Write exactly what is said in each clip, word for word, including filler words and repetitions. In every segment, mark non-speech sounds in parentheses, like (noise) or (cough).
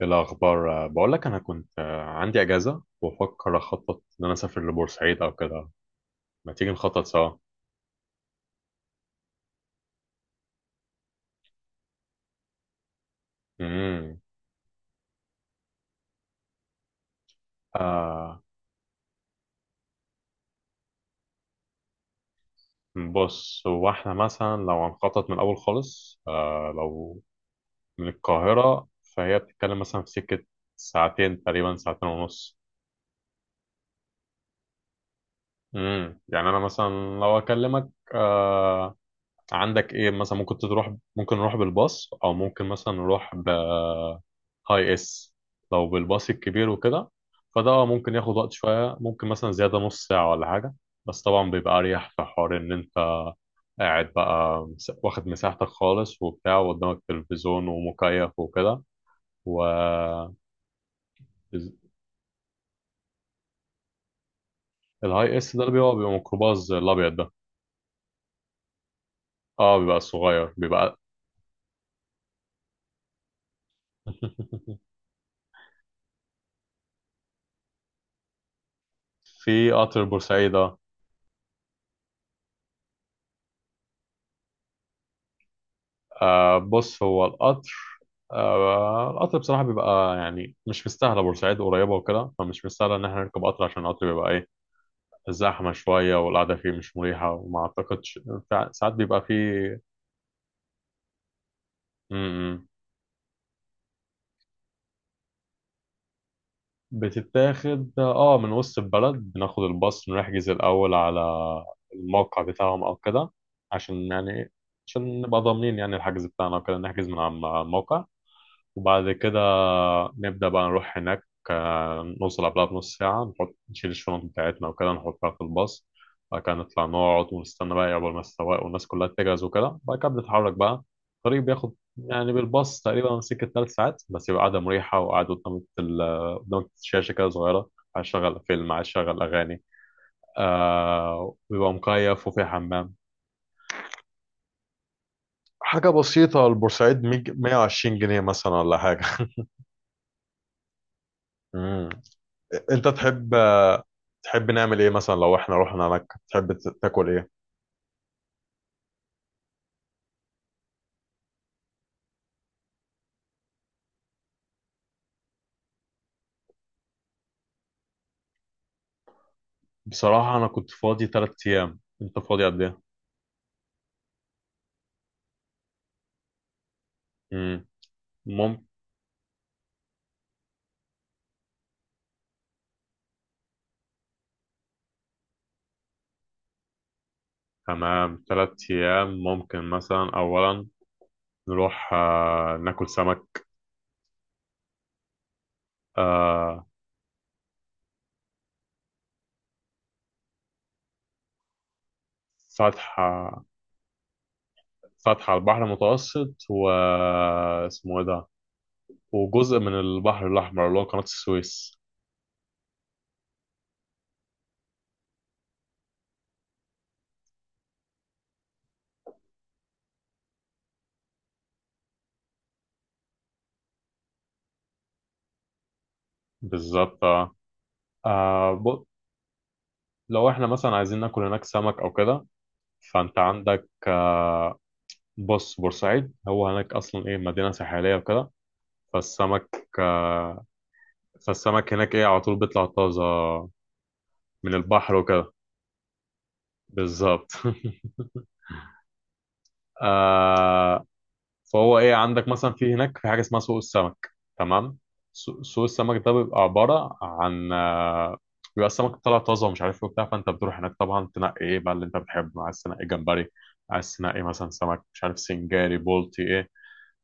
إيه الأخبار؟ آه، بقول لك أنا كنت آه، عندي أجازة وبفكر أخطط إن أنا أسافر لبورسعيد أو كده. ما تيجي نخطط سوا؟ امم آه بص، هو إحنا مثلا لو هنخطط من الأول خالص آه لو من القاهرة، فهي بتتكلم مثلا في سكة ساعتين تقريبا، ساعتين ونص. امم يعني أنا مثلا لو أكلمك آه عندك إيه مثلا، ممكن تروح، ممكن نروح بالباص أو ممكن مثلا نروح ب اي اس. لو بالباص الكبير وكده فده ممكن ياخد وقت شوية، ممكن مثلا زيادة نص ساعة ولا حاجة. بس طبعا بيبقى أريح في حوار إن أنت قاعد بقى، مس- واخد مساحتك خالص وبتاع، وقدامك تلفزيون ومكيف وكده، و... الز- الهاي اس ده اللي بيبقى بيبقى ميكروباص الأبيض ده. اه، بيبقى الصغير بيبقى. (laughs) في قطر بورسعيدة؟ آه بص، هو القطر... آه، القطر بصراحة بيبقى يعني مش مستاهلة، بورسعيد قريبة وكده فمش مستاهلة إن احنا نركب قطر، عشان القطر بيبقى إيه، زحمة شوية والقعدة فيه مش مريحة، وما أعتقدش. فع- ساعات بيبقى فيه م- م. بتتاخد آه من وسط البلد، بناخد الباص، نحجز الأول على الموقع بتاعهم أو كده، عشان يعني إيه، عشان نبقى ضامنين يعني الحجز بتاعنا وكده، نحجز من على الموقع، وبعد كده نبدأ بقى نروح هناك. آه، نوصل قبلها بنص ساعة، نحط نشيل الشنط بتاعتنا وكده نحطها في الباص، بعد كده نطلع نقعد ونستنى بقى قبل ما السواق والناس كلها تجهز وكده، بعد كده بنتحرك بقى. الطريق بياخد يعني بالباص تقريبا سكة ثلاث ساعات بس، يبقى قاعدة مريحة، وقاعد قدام ال- قدام شاشة كده صغيرة، عايز أشغل فيلم عايز أشغل أغاني. آه بيبقى مكيف وفيه حمام، حاجة بسيطة. البورسعيد مية وعشرين جنيه مثلا ولا حاجة. (laughs) مم. انت تحب تحب نعمل ايه مثلا لو احنا رحنا مكة، تحب ت- تاكل ايه؟ بصراحة انا كنت فاضي تلات ايام، انت فاضي قد ايه؟ امم ممكن. تمام، تلات ايام ممكن مثلا، اولا نروح آه ناكل سمك. آه. فتحة فتحة على البحر المتوسط، و آه، اسمه ايه ده، وجزء من البحر الاحمر اللي هو قناة السويس. بالظبط اه. آه، ب- لو احنا مثلا عايزين ناكل هناك سمك او كده، فانت عندك آه، بص، بورسعيد هو هناك اصلا ايه، مدينه ساحليه وكده، فالسمك آه، فالسمك هناك ايه، على طول بيطلع طازه من البحر وكده، بالظبط. (laughs) آه. فهو ايه، عندك مثلا في هناك في حاجه اسمها سوق السمك، تمام. سو- سوق السمك ده بيبقى عباره عن آه، بيبقى السمك طالع طازه ومش عارف ايه وبتاع، فانت بتروح هناك طبعا تنقي ايه بقى اللي انت بتحبه، عايز تنقي جمبري، عايز تنقي مثلا سمك، مش عارف سنجاري بولتي إيه،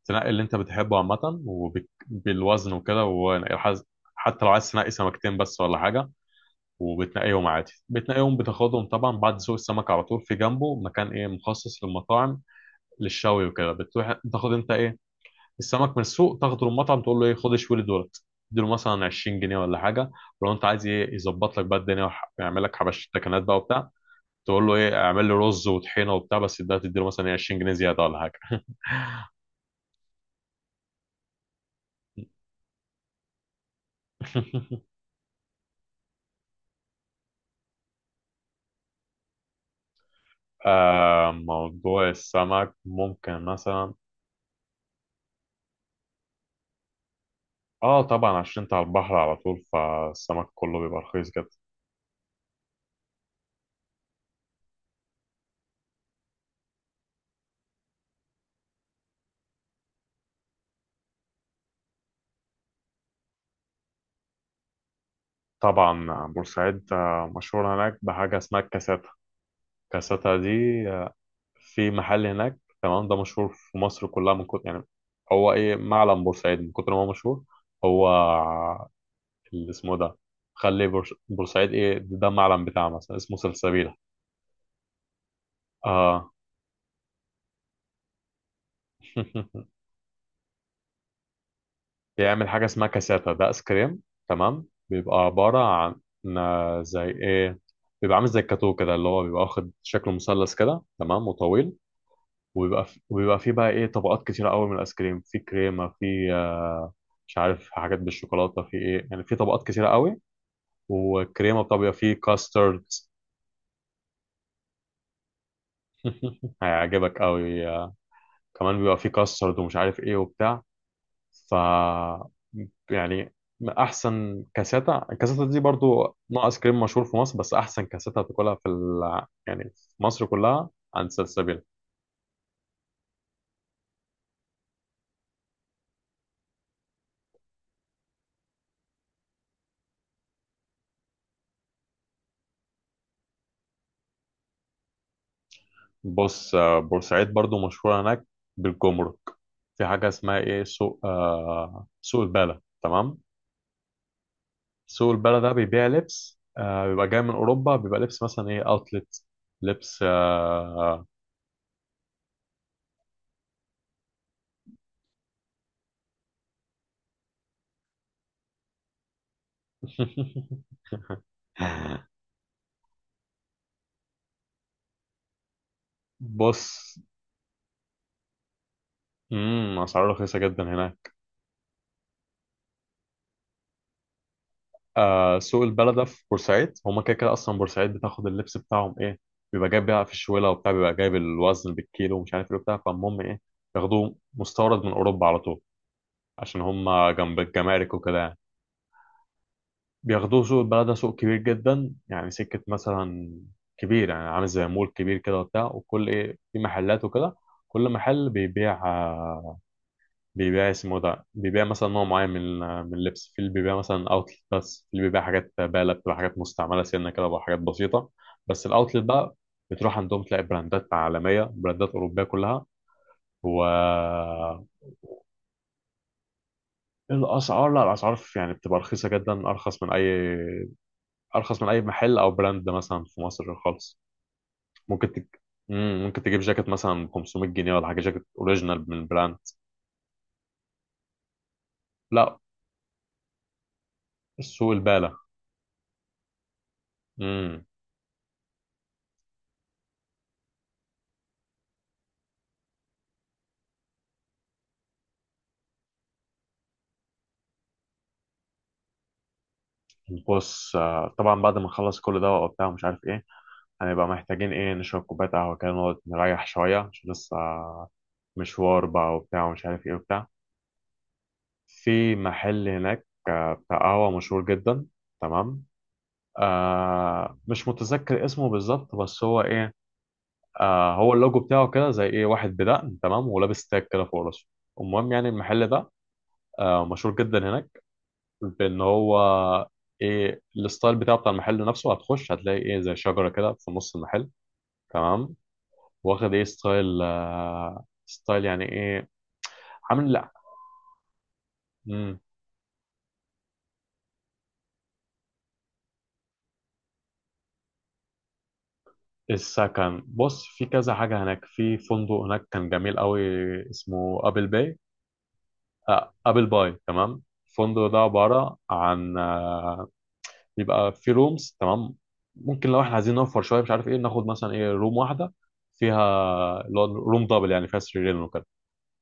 تنقي اللي انت بتحبه عامة، وبالوزن وكده، وحز- حتى لو عايز تنقي سمكتين بس ولا حاجة، وبتنقيهم عادي، بتنقيهم بتاخدهم طبعا، بعد سوق السمك على طول في جنبه مكان ايه مخصص للمطاعم، للشوي وكده. بتروح تاخد انت ايه، السمك من السوق تاخده للمطعم تقول له ايه، خد اشوي لي دولت، تديله مثلا عشرين جنيه ولا حاجة، ولو انت عايز ايه يظبط لك بقى الدنيا وح- ويعمل لك حبش تكنات بقى وبتاع، تقول له ايه اعمل لي رز وطحينة وبتاع، بس ده تديله مثلا إيه عشرين جنيه زيادة ولا حاجة. (laughs) آه، موضوع السمك ممكن مثلا... اه طبعا عشان انت على البحر على طول، فالسمك كله بيبقى رخيص جدا. طبعا بورسعيد آه، مشهور هناك بحاجة اسمها الكاساتا. الكاساتا دي آه، في محل هناك تمام، ده مشهور في مصر كلها، من كتر يعني هو ايه معلم بورسعيد، من كتر ما هو مشهور، هو اللي اسمه ده، خلي بورس- بورسعيد ايه ده معلم بتاعه مثلا اسمه سلسبيلة. اه. (laughs) بيعمل حاجة اسمها كاساتا، ده ايس كريم، تمام، بيبقى عبارة عن آه، زي ايه، بيبقى عامل زي الكاتو كده، اللي هو بيبقى واخد شكل مثلث كده تمام وطويل، وبيبقى في... وبيبقى فيه بقى ايه طبقات كتيرة قوي من الايس كريم، في كريمة، في آه، مش عارف حاجات بالشوكولاتة، في ايه يعني في طبقات كتيرة قوي، والكريمة بتاع بيبقى فيه كاسترد. (laughs) هيعجبك قوي. آه، كمان بيبقى فيه كاسترد، ومش عارف ايه وبتاع، ف يعني احسن كاساتا، الكاساتا دي برضو نوع ايس كريم مشهور في مصر، بس احسن كاساتا هتاكلها في ال... يعني في مصر كلها، عند سلسبيل. بص آه، بورسعيد برضو مشهورة هناك بالجمرك، في حاجة اسمها ايه، سوق آه... سوق البالة تمام. سوق البالة ده بيبيع لبس آه... بيبقى جاي من اوروبا، بيبقى لبس مثلا ايه، اوتلت، لبس آه... (laughs) بص، امم اسعاره رخيصة جدا هناك. آه سوق البلدة في بورسعيد هما كده كده، أصلا بورسعيد بتاخد اللبس بتاعهم إيه، بيبقى جايب بقى في الشوالة وبتاع، بيبقى جايب الوزن بالكيلو، ومش عارف إيه وبتاع، فالمهم إيه بياخدوه مستورد من أوروبا على طول، عشان هما جنب الجمارك وكده يعني، بياخدوه. سوق البلدة سوق كبير جدا يعني، سكة مثلا كبير يعني، عامل زي مول كبير كده وبتاع، وكل إيه في محلات وكده، كل محل بيبيع آه، بيبيع اسمه ده، بيبيع مثلا نوع معين من من اللبس، في اللي بيبيع مثلا اوتلت، بس في اللي بيبيع حاجات بالة بتبقى حاجات مستعملة سنة كده وحاجات بسيطة. بس الاوتلت بقى بتروح عندهم تلاقي براندات عالمية، براندات أوروبية كلها، و... الأسعار، لا الأسعار في- يعني بتبقى رخيصة جدا، أرخص من أي... أرخص من أي محل أو براند مثلا في مصر خالص. ممكن تج... مم، ممكن تجيب جاكيت مثلا ب خمسمية جنيه ولا حاجة، جاكيت أوريجينال من براند. لا، السوق البالة. مم. بص آه، طبعا بعد ما نخلص كل ده وبتاع ومش عارف ايه، هنبقى محتاجين ايه نشرب كوباية قهوة كده، نقعد نريح شوية عشان لسه مشوار بقى وبتاع، ومش عارف ايه وبتاع. في محل هناك آه، بتاع قهوة مشهور جدا، تمام. آه مش متذكر اسمه بالظبط، بس هو ايه، آه هو اللوجو بتاعه كده زي ايه واحد بدقن تمام، ولابس تاج كده فوق راسه، المهم يعني المحل ده آه مشهور جدا هناك، بان هو ايه الستايل بتاعه بتاع المحل نفسه، هتخش هتلاقي ايه زي شجره كده في نص المحل، تمام، واخد ايه ستايل آه، ستايل يعني ايه، عامل لا... مم. السكن بص، في كذا حاجه هناك، في فندق هناك كان جميل قوي اسمه ابل باي. آه ابل باي تمام، الفندق ده عباره عن آه، بيبقى في رومز، تمام، ممكن لو احنا عايزين نوفر شويه مش عارف ايه، ناخد مثلا ايه روم واحده فيها اللي هو روم دبل يعني فيها سريرين وكده،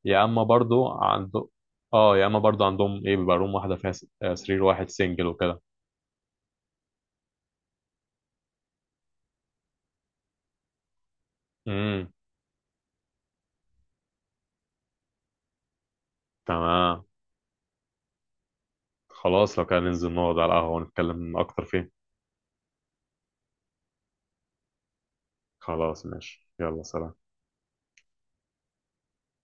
يا اما برضو عنده... اه يا اما برضو عندهم ايه بيبقى روم واحده فيها س- آه، سرير واحد سنجل وكده. امم تمام، خلاص لو كان ننزل نقعد على القهوه ونتكلم اكتر فيه. خلاص ماشي، يلا سلام.